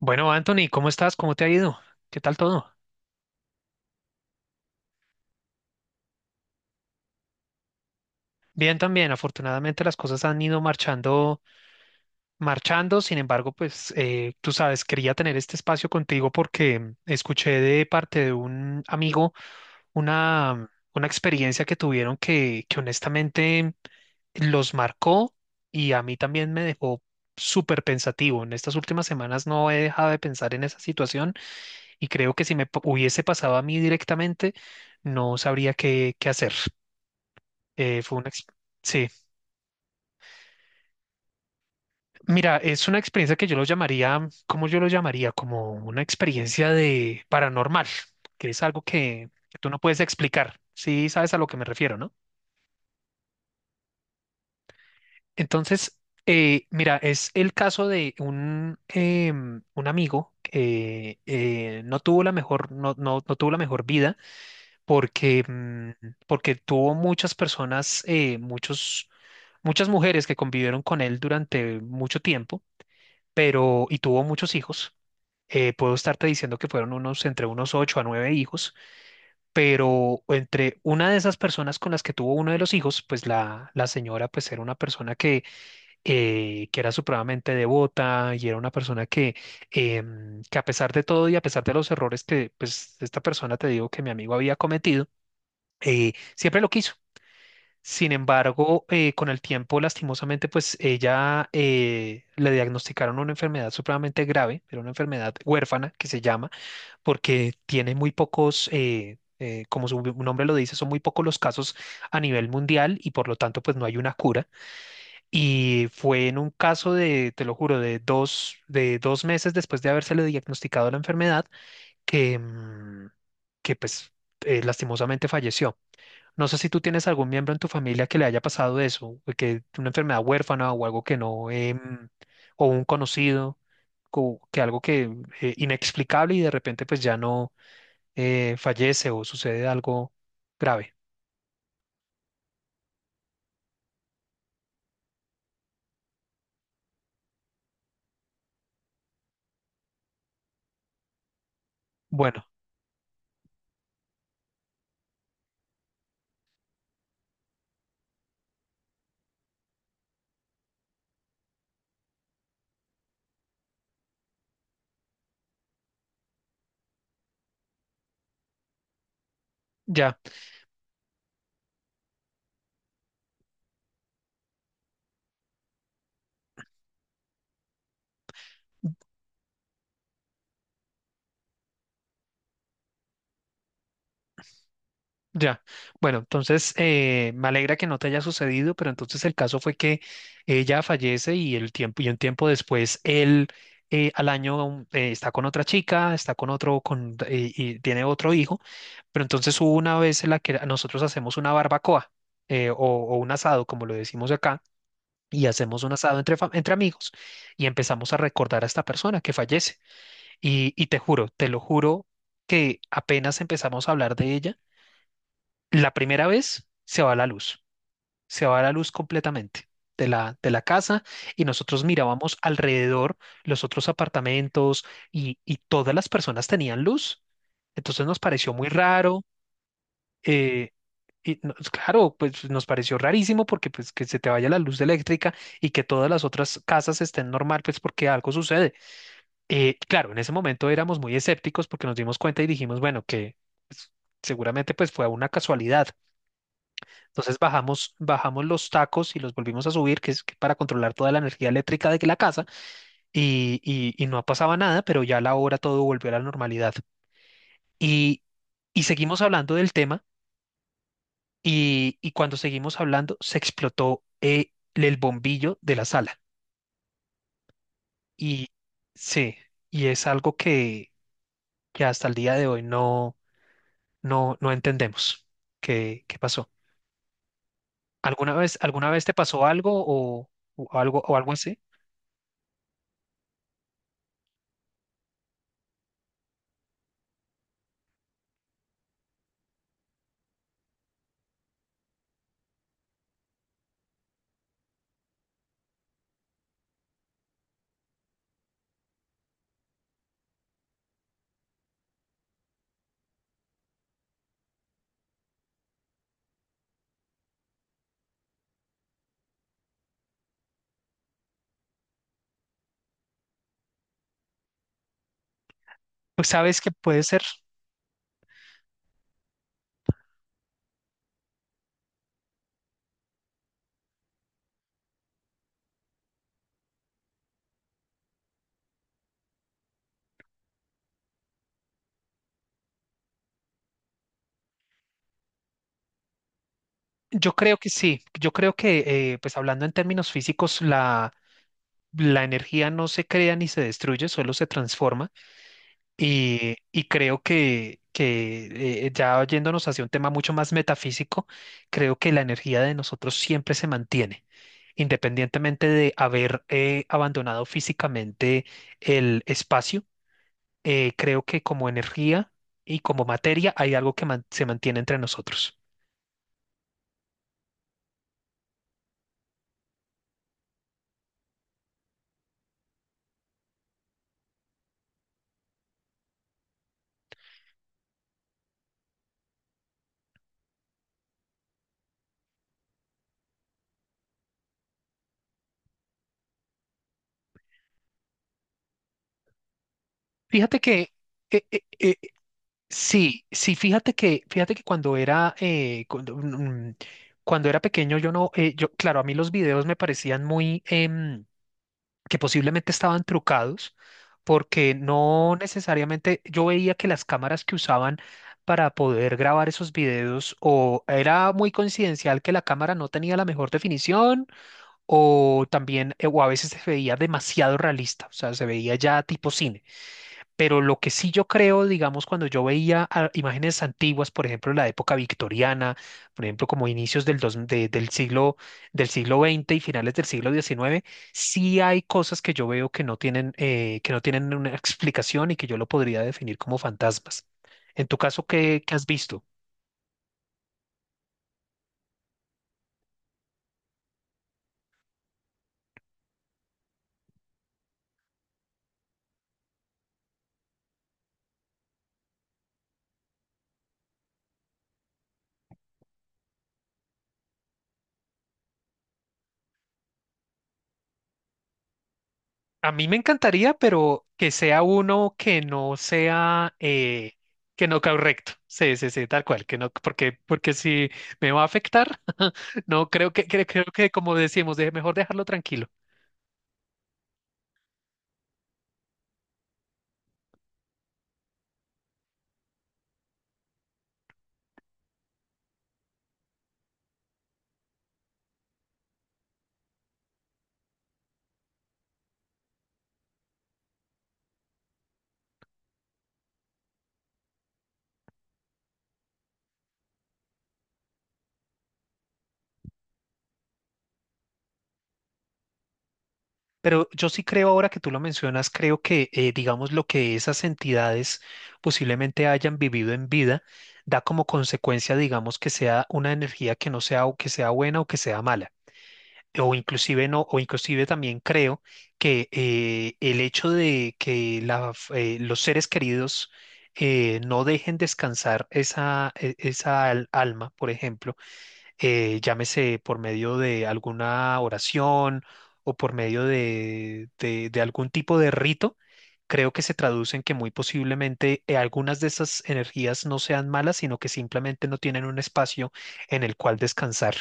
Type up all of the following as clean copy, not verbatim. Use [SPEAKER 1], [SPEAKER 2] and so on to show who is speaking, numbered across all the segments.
[SPEAKER 1] Bueno, Anthony, ¿cómo estás? ¿Cómo te ha ido? ¿Qué tal todo? Bien también, afortunadamente las cosas han ido marchando, marchando. Sin embargo, pues tú sabes, quería tener este espacio contigo porque escuché de parte de un amigo una experiencia que tuvieron que honestamente los marcó y a mí también me dejó súper pensativo. En estas últimas semanas no he dejado de pensar en esa situación y creo que si hubiese pasado a mí directamente, no sabría qué hacer. Eh, fue una ex- Sí, mira, es una experiencia que yo lo llamaría, ¿cómo yo lo llamaría? Como una experiencia de paranormal, que es algo que tú no puedes explicar. Sí, sabes a lo que me refiero, ¿no? Entonces, mira, es el caso de un amigo que no tuvo la mejor, no tuvo la mejor vida porque, porque tuvo muchas personas, muchas mujeres que convivieron con él durante mucho tiempo pero, y tuvo muchos hijos. Puedo estarte diciendo que fueron unos entre unos ocho a nueve hijos, pero entre una de esas personas con las que tuvo uno de los hijos, pues la señora pues era una persona que era supremamente devota y era una persona que, que a pesar de todo y a pesar de los errores que pues esta persona te digo que mi amigo había cometido, siempre lo quiso. Sin embargo, con el tiempo, lastimosamente, pues ella le diagnosticaron una enfermedad supremamente grave, era una enfermedad huérfana que se llama, porque tiene muy pocos, como su nombre lo dice, son muy pocos los casos a nivel mundial y por lo tanto, pues no hay una cura. Y fue en un caso de, te lo juro, de de dos meses después de habérsele diagnosticado la enfermedad que, que pues lastimosamente falleció. No sé si tú tienes algún miembro en tu familia que le haya pasado eso, o que una enfermedad huérfana o algo que no, o un conocido, que algo que inexplicable y de repente pues ya no fallece o sucede algo grave. Bueno, ya, ya. Bueno, entonces me alegra que no te haya sucedido, pero entonces el caso fue que ella fallece y el tiempo y un tiempo después él al año está con otra chica, está con otro, y tiene otro hijo. Pero entonces hubo una vez en la que nosotros hacemos una barbacoa o un asado, como lo decimos acá, y hacemos un asado entre, entre amigos y empezamos a recordar a esta persona que fallece. Y te juro, te lo juro, que apenas empezamos a hablar de ella, la primera vez se va la luz, se va la luz completamente. De de la casa y nosotros mirábamos alrededor los otros apartamentos y todas las personas tenían luz. Entonces nos pareció muy raro, eh, pues, claro, pues nos pareció rarísimo porque pues que se te vaya la luz eléctrica y que todas las otras casas estén normal, pues porque algo sucede. Claro, en ese momento éramos muy escépticos porque nos dimos cuenta y dijimos, bueno, que pues, seguramente pues fue una casualidad. Entonces bajamos, bajamos los tacos y los volvimos a subir, que es que para controlar toda la energía eléctrica de que la casa y no pasaba nada, pero ya a la hora todo volvió a la normalidad. Y, y seguimos hablando del tema. Y cuando seguimos hablando, se explotó el bombillo de la sala. Y sí, y es algo que hasta el día de hoy no entendemos qué, qué pasó. Alguna vez te pasó algo o algo así? Pues sabes que puede ser. Yo creo que sí. Yo creo que, pues hablando en términos físicos, la energía no se crea ni se destruye, solo se transforma. Y creo que ya yéndonos hacia un tema mucho más metafísico, creo que la energía de nosotros siempre se mantiene, independientemente de haber abandonado físicamente el espacio. Creo que como energía y como materia hay algo que se mantiene entre nosotros. Fíjate que eh, eh, eh, sí, sí, fíjate que cuando era cuando era pequeño yo no, yo claro, a mí los videos me parecían muy que posiblemente estaban trucados, porque no necesariamente yo veía que las cámaras que usaban para poder grabar esos videos o era muy coincidencial que la cámara no tenía la mejor definición o también o a veces se veía demasiado realista, o sea, se veía ya tipo cine. Pero lo que sí yo creo, digamos, cuando yo veía ah, imágenes antiguas, por ejemplo, la época victoriana, por ejemplo, como inicios del siglo XX y finales del siglo XIX, sí hay cosas que yo veo que no tienen una explicación y que yo lo podría definir como fantasmas. En tu caso, ¿qué, qué has visto? A mí me encantaría, pero que sea uno que no sea, que no caiga recto. Sí, sí, sí, tal cual, que no, porque, porque si me va a afectar, no creo que, creo, creo que como decimos, mejor dejarlo tranquilo. Pero yo sí creo ahora que tú lo mencionas, creo que, digamos, lo que esas entidades posiblemente hayan vivido en vida da como consecuencia, digamos, que sea una energía que no sea o que sea buena o que sea mala. O inclusive no, o inclusive también creo que el hecho de que los seres queridos no dejen descansar esa alma, por ejemplo, llámese por medio de alguna oración o por medio de, de algún tipo de rito, creo que se traduce en que muy posiblemente algunas de esas energías no sean malas, sino que simplemente no tienen un espacio en el cual descansar.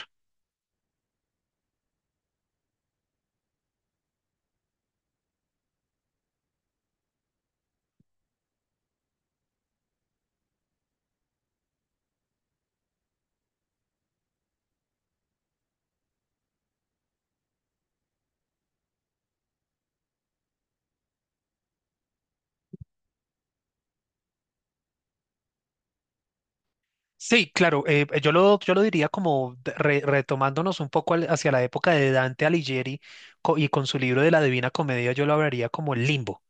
[SPEAKER 1] Sí, claro, yo lo diría como retomándonos un poco hacia la época de Dante Alighieri y con su libro de la Divina Comedia, yo lo hablaría como el limbo,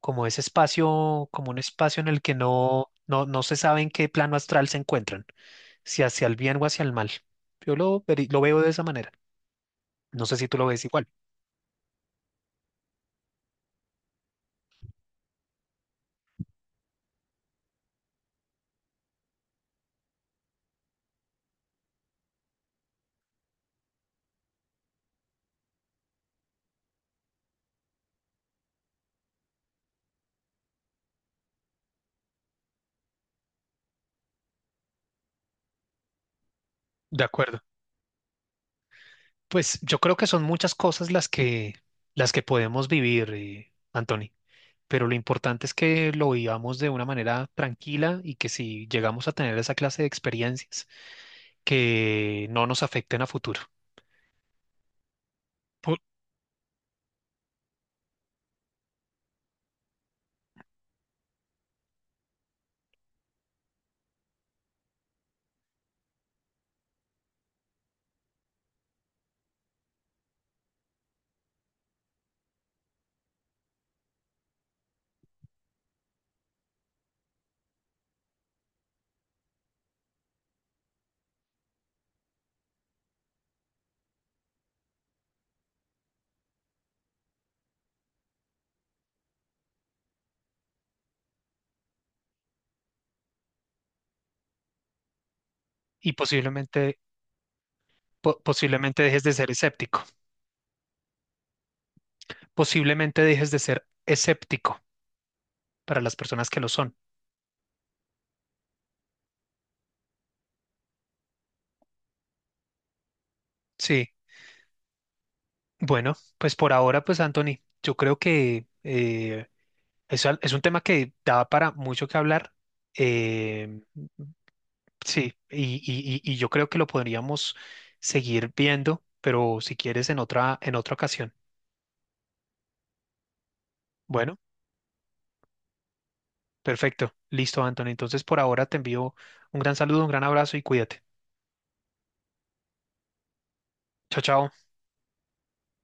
[SPEAKER 1] como ese espacio, como un espacio en el que no se sabe en qué plano astral se encuentran, si hacia el bien o hacia el mal. Lo veo de esa manera. No sé si tú lo ves igual. De acuerdo. Pues yo creo que son muchas cosas las que podemos vivir, Anthony. Pero lo importante es que lo vivamos de una manera tranquila y que si llegamos a tener esa clase de experiencias, que no nos afecten a futuro. Po- y posiblemente, posiblemente dejes de ser escéptico. Posiblemente dejes de ser escéptico para las personas que lo son. Sí. Bueno, pues por ahora, pues Anthony, yo creo que es, es un tema que da para mucho que hablar. eh, Sí, y yo creo que lo podríamos seguir viendo, pero si quieres en otra ocasión. Bueno, perfecto. Listo, Anthony. Entonces por ahora te envío un gran saludo, un gran abrazo y cuídate. Chao, chao.